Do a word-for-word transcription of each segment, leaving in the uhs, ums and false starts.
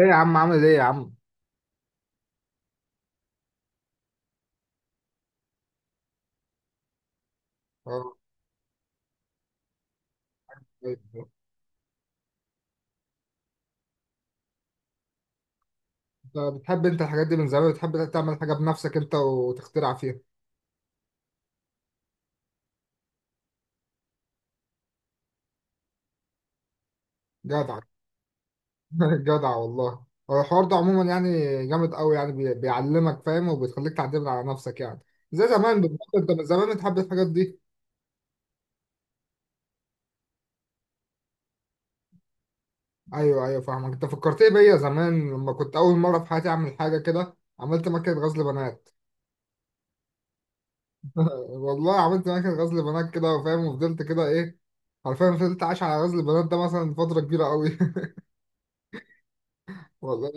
ايه يا عم، عامل ايه يا عم؟ آه، طيب. انت بتحب انت الحاجات دي من زمان، بتحب تعمل حاجه بنفسك انت وتخترع فيها. جدع. جدع والله. هو الحوار ده عموما يعني جامد قوي، يعني بي- بيعلمك فاهم، وبيخليك تعتمد على نفسك يعني. زي زمان بالظبط، انت من زمان بتحب الحاجات دي. ايوه ايوه فاهمك. انت فكرتني بيا زمان لما كنت اول مره في حياتي اعمل حاجه كده، عملت مكنه غزل بنات. والله عملت مكنه غزل بنات كده، وفاهم وفضلت كده ايه، عارفين، فضلت عايش على غزل البنات ده مثلا فتره كبيره قوي. والله.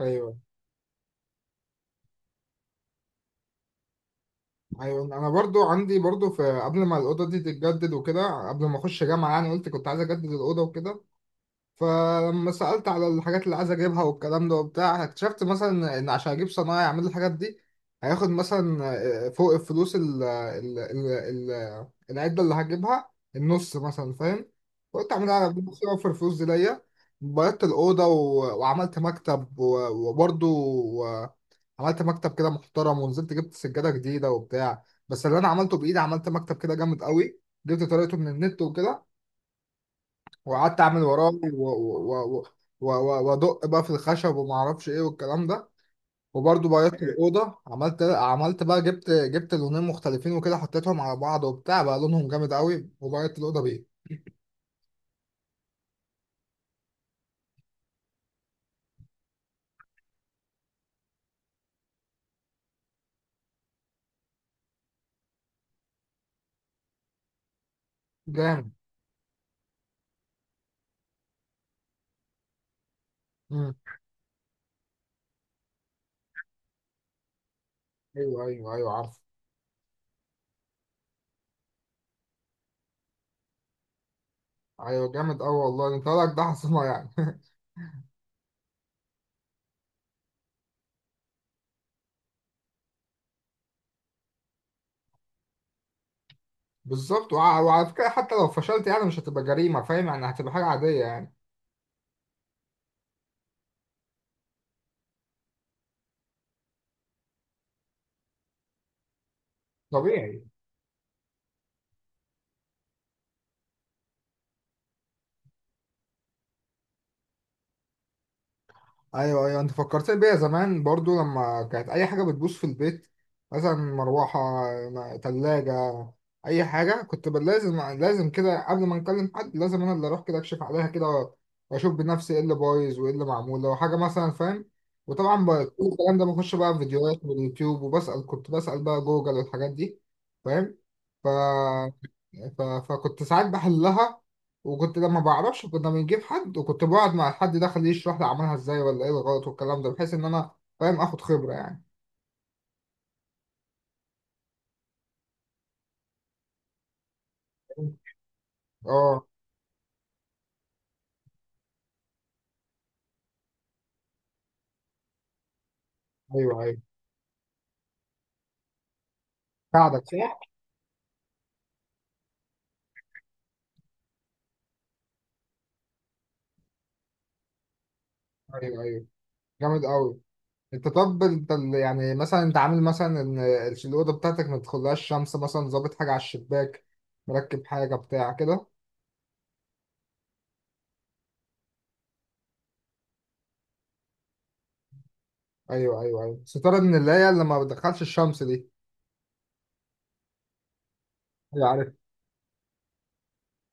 ايوه ايوه، انا برضو عندي برضو، في قبل ما الاوضه دي تتجدد وكده، قبل ما اخش جامعه يعني، قلت كنت عايز اجدد الاوضه وكده. فلما سالت على الحاجات اللي عايز اجيبها والكلام ده وبتاع، اكتشفت مثلا ان عشان اجيب صنايعي يعمل لي الحاجات دي، هياخد مثلا، آه، فوق الفلوس ال ال ال ال العده اللي هجيبها النص مثلا، فاهم. قلت اعملها على نفسي، اوفر الفلوس دي ليا. بيضت الاوضه و- وعملت مكتب، و- وبرضو عملت مكتب كده محترم، ونزلت جبت سجادة جديدة وبتاع، بس اللي انا عملته بايدي، عملت مكتب كده جامد قوي، جبت طريقته من النت وكده، وقعدت اعمل وراه و- و- و- و- و- وادق بقى في الخشب وما اعرفش ايه والكلام ده. وبرضه بيضت الاوضه، عملت عملت بقى، جبت جبت لونين مختلفين وكده، حطيتهم على بعض وبتاع بقى لونهم جامد قوي، وبيضت الاوضه بيه. جامد. امم. ايوه ايوه ايوه عارف. ايوه جامد قوي والله، انت لك ده حصنه يعني. بالظبط، وع- وعلى فكرة، حتى لو فشلت يعني مش هتبقى جريمة، فاهم يعني، هتبقى حاجة عادية يعني. طبيعي. ايوه ايوه، انت فكرتني بيا زمان برضو، لما كانت اي حاجه بتبوظ في البيت، مثلا مروحه، م- تلاجة، اي حاجه، كنت بل- لازم لازم كده قبل ما نكلم حد، لازم انا اللي اروح كده اكشف عليها كده واشوف بنفسي ايه اللي بايظ وايه اللي معمول لو حاجه مثلا، فاهم. وطبعا ب- كل الكلام ده بخش بقى في فيديوهات واليوتيوب وبسال، كنت بسال بقى جوجل والحاجات دي، فاهم. ف... ف... فكنت ساعات بحلها، وكنت لما بعرفش كنا بنجيب حد، وكنت بقعد مع الحد ده خليه يشرح لي عملها ازاي ولا ايه الغلط والكلام ده، بحيث ان انا فاهم اخد خبرة يعني. اه. ايوه ايوه، ساعدك صح؟ ايوه ايوه جامد قوي. انت طب، انت ال- يعني مثلا، انت عامل مثلا ان ال- الاوضه بتاعتك ما تدخلهاش شمس مثلا، ظابط حاجه على الشباك، مركب حاجه بتاع كده؟ ايوه ايوه ايوه، ستاره من اللي هي اللي ما بتدخلش الشمس دي. ايوه عارف،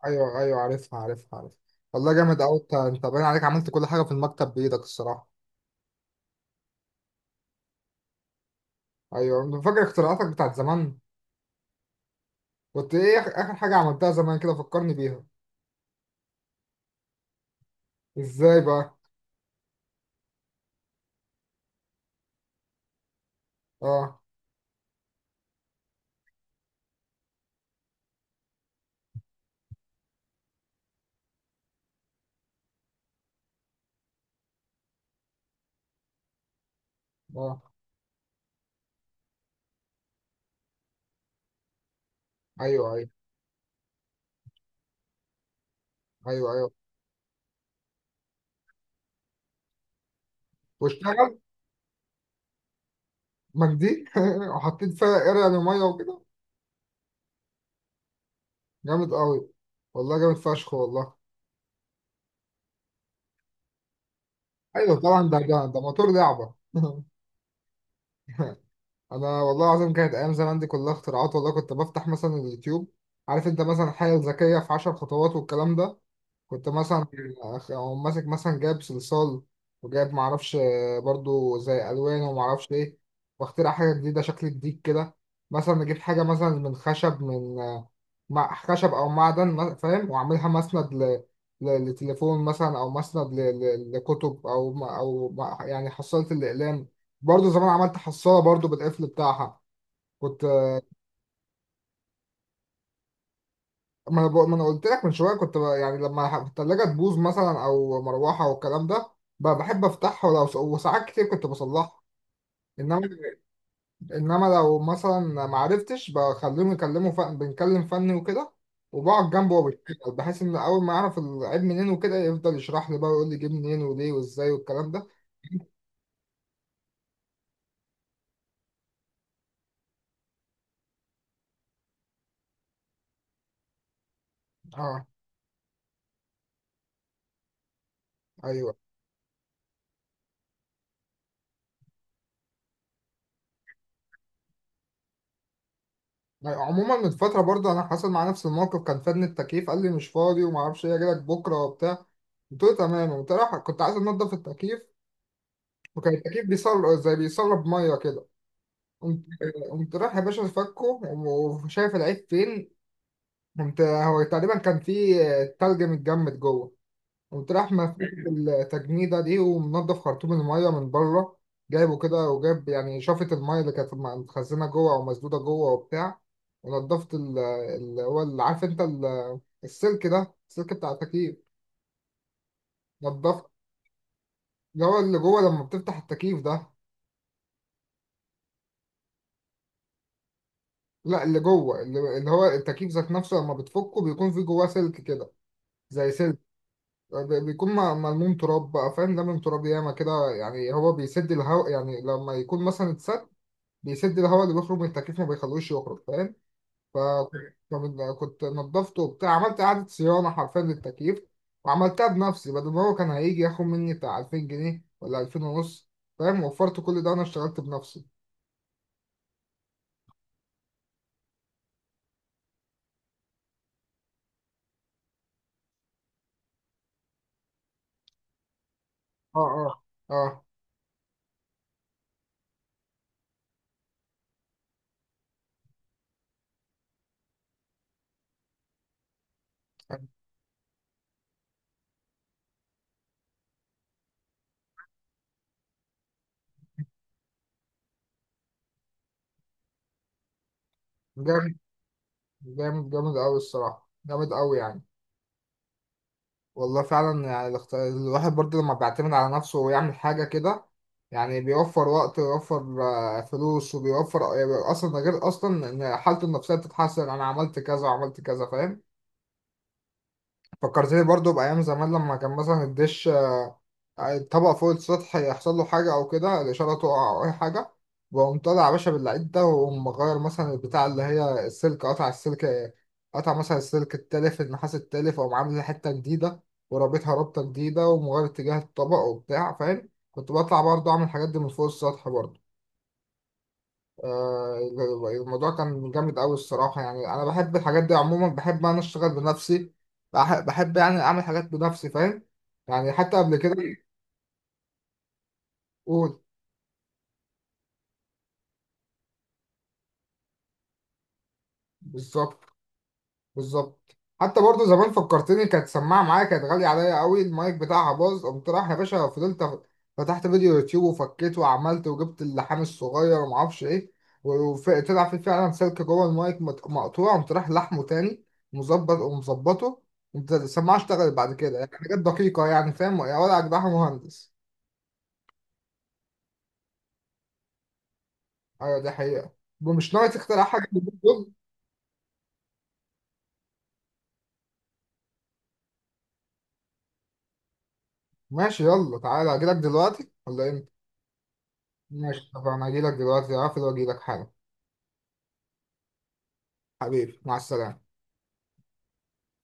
ايوه ايوه عارفها عارفها عارفها. والله جامد قوي، انت انت باين عليك عملت كل حاجه في المكتب بايدك الصراحه. ايوه، فاكر اختراعاتك بتاعت زمان؟ كنت ايه آخ- اخر حاجه عملتها زمان كده، فكرني بيها. ازاي بقى؟ اه. اه. ايوه ايوه ايوه ايوه. واشتغل؟ مجدي! وحطيت فيها قرع لميه وكده؟ جامد قوي والله، جامد فشخ والله. ايوه طبعا، ده ده ده موتور لعبه. انا والله العظيم، كانت ايام زمان دي كلها اختراعات والله، كنت بفتح مثلا اليوتيوب، عارف انت، مثلا الحاجه الذكيه في عشر خطوات والكلام ده، كنت مثلا أقوم ماسك مثلا، جايب صلصال وجايب معرفش، آه، برضو زي ألوان ومعرفش إيه، واخترع حاجة جديدة شكل جديد كده. مثلا نجيب حاجة مثلا من خشب، من آه، مع خشب أو معدن ما- فاهم، وأعملها مسند ل... ل... لتليفون مثلا، أو مسند ل... ل... لكتب، أو ما... أو ما... يعني حصالة الأقلام. برضو زمان عملت حصالة برضو بالقفل بتاعها، كنت. ما انا بق- ما انا قلت لك من شويه، كنت ب- يعني لما ح- التلاجه تبوظ مثلا او مروحه والكلام ده، ب- بحب افتحها، ولو س- وساعات كتير كنت بصلحها. انما انما لو مثلا ما عرفتش، بخليهم يكلموا فن، بنكلم فني وكده، وبقعد جنبه وهو بيشتغل، بحيث ان اول ما اعرف العيب منين وكده، يفضل يشرح لي بقى ويقول لي جه منين وليه وازاي والكلام ده. اه. ايوه عموما، من فتره برضه انا حصل مع نفس الموقف، كان فني التكييف قال لي مش فاضي وما اعرفش ايه، اجي لك بكره وبتاع. قلت له تمام، قمت رايح- كنت عايز انضف التكييف، وكان التكييف بيصل زي بيصلب ميه كده. قمت قمت رايح يا باشا فكه وشايف العيب فين. قمت هو تقريبا كان في تلج متجمد جوه، قمت رايح مفك التجميدة دي، ومنضف خرطوم الميه من بره، جايبه كده، وجايب يعني شفط الميه اللي كانت متخزنه جوه او مسدوده جوه وبتاع. ونضفت ال- اللي هو اللي عارف انت، ال- السلك ده، السلك بتاع التكييف، نضفت. اللي هو اللي جوه لما بتفتح التكييف ده. لا، اللي جوه، اللي, اللي هو التكييف ذات نفسه لما بتفكه، بيكون في جواه سلك كده، زي سلك، ب- بيكون م- ملموم تراب بقى فاهم، لمم تراب ياما كده يعني، هو بيسد الهواء يعني، لما يكون مثلا اتسد، بيسد الهواء اللي بيخرج من التكييف، ما بيخلوش يخرج، فاهم. فكنت نضفته وبتاع، عملت إعادة صيانة حرفيا للتكييف، وعملتها بنفسي، بدل ما هو كان هيجي ياخد مني بتاع ألفين جنيه ولا ألفين ونص، فاهم. وفرت كل ده، وانا اشتغلت بنفسي. اه. اه. اه جامد، جامد جامد قوي الصراحة، جامد قوي يعني. والله فعلا يعني، الاخت- الواحد برضه لما بيعتمد على نفسه ويعمل حاجة كده، يعني بيوفر وقت، ويوفر آه، فلوس، وبيوفر آه، يعني، اصلا ده غير اصلا ان حالته النفسية بتتحسن، انا عملت كذا وعملت كذا، فاهم. فكرتني برضه بأيام زمان، لما كان مثلا الدش الطبق فوق السطح يحصل له حاجة أو كده، الإشارة تقع أو أي حاجة، وأقوم طالع يا باشا باللعيب ده، وأقوم مغير مثلا البتاع اللي هي السلك، قطع السلك، قطع مثلا السلك التالف النحاس التالف، وأقوم عامل حتة جديدة ورابطها رابطة جديدة، ومغير اتجاه الطبق وبتاع، فاهم، كنت بطلع برضه أعمل الحاجات دي من فوق السطح برضه. آه، الموضوع كان جامد أوي الصراحة يعني، أنا بحب الحاجات دي عموما، بحب أنا أشتغل بنفسي، بح- بحب يعني أعمل حاجات بنفسي، فاهم، يعني حتى قبل كده. قول. بالظبط بالظبط، حتى برضو زمان فكرتني، كانت سماعه معايا كانت غاليه عليا قوي، المايك بتاعها باظ، قمت رايح يا باشا فضلت أخ- فتحت فيديو يوتيوب وفكيت وعملت وجبت اللحام الصغير وما اعرفش ايه، وطلع في فعلا سلك جوه المايك مت- مقطوع، قمت رايح لحمه تاني، مظبط ومظبطه، قمت السماعه اشتغلت بعد كده، يعني حاجات دقيقه يعني، فاهم يا ولا اجدعها مهندس. ايوه دي حقيقه. ومش ناوي تخترع حاجه من دول؟ ماشي، يلا تعالى، اجيلك دلوقتي ولا امتى؟ ماشي، طب انا اجيلك دلوقتي، اقفل واجيلك حالا. حبيبي، مع السلامة.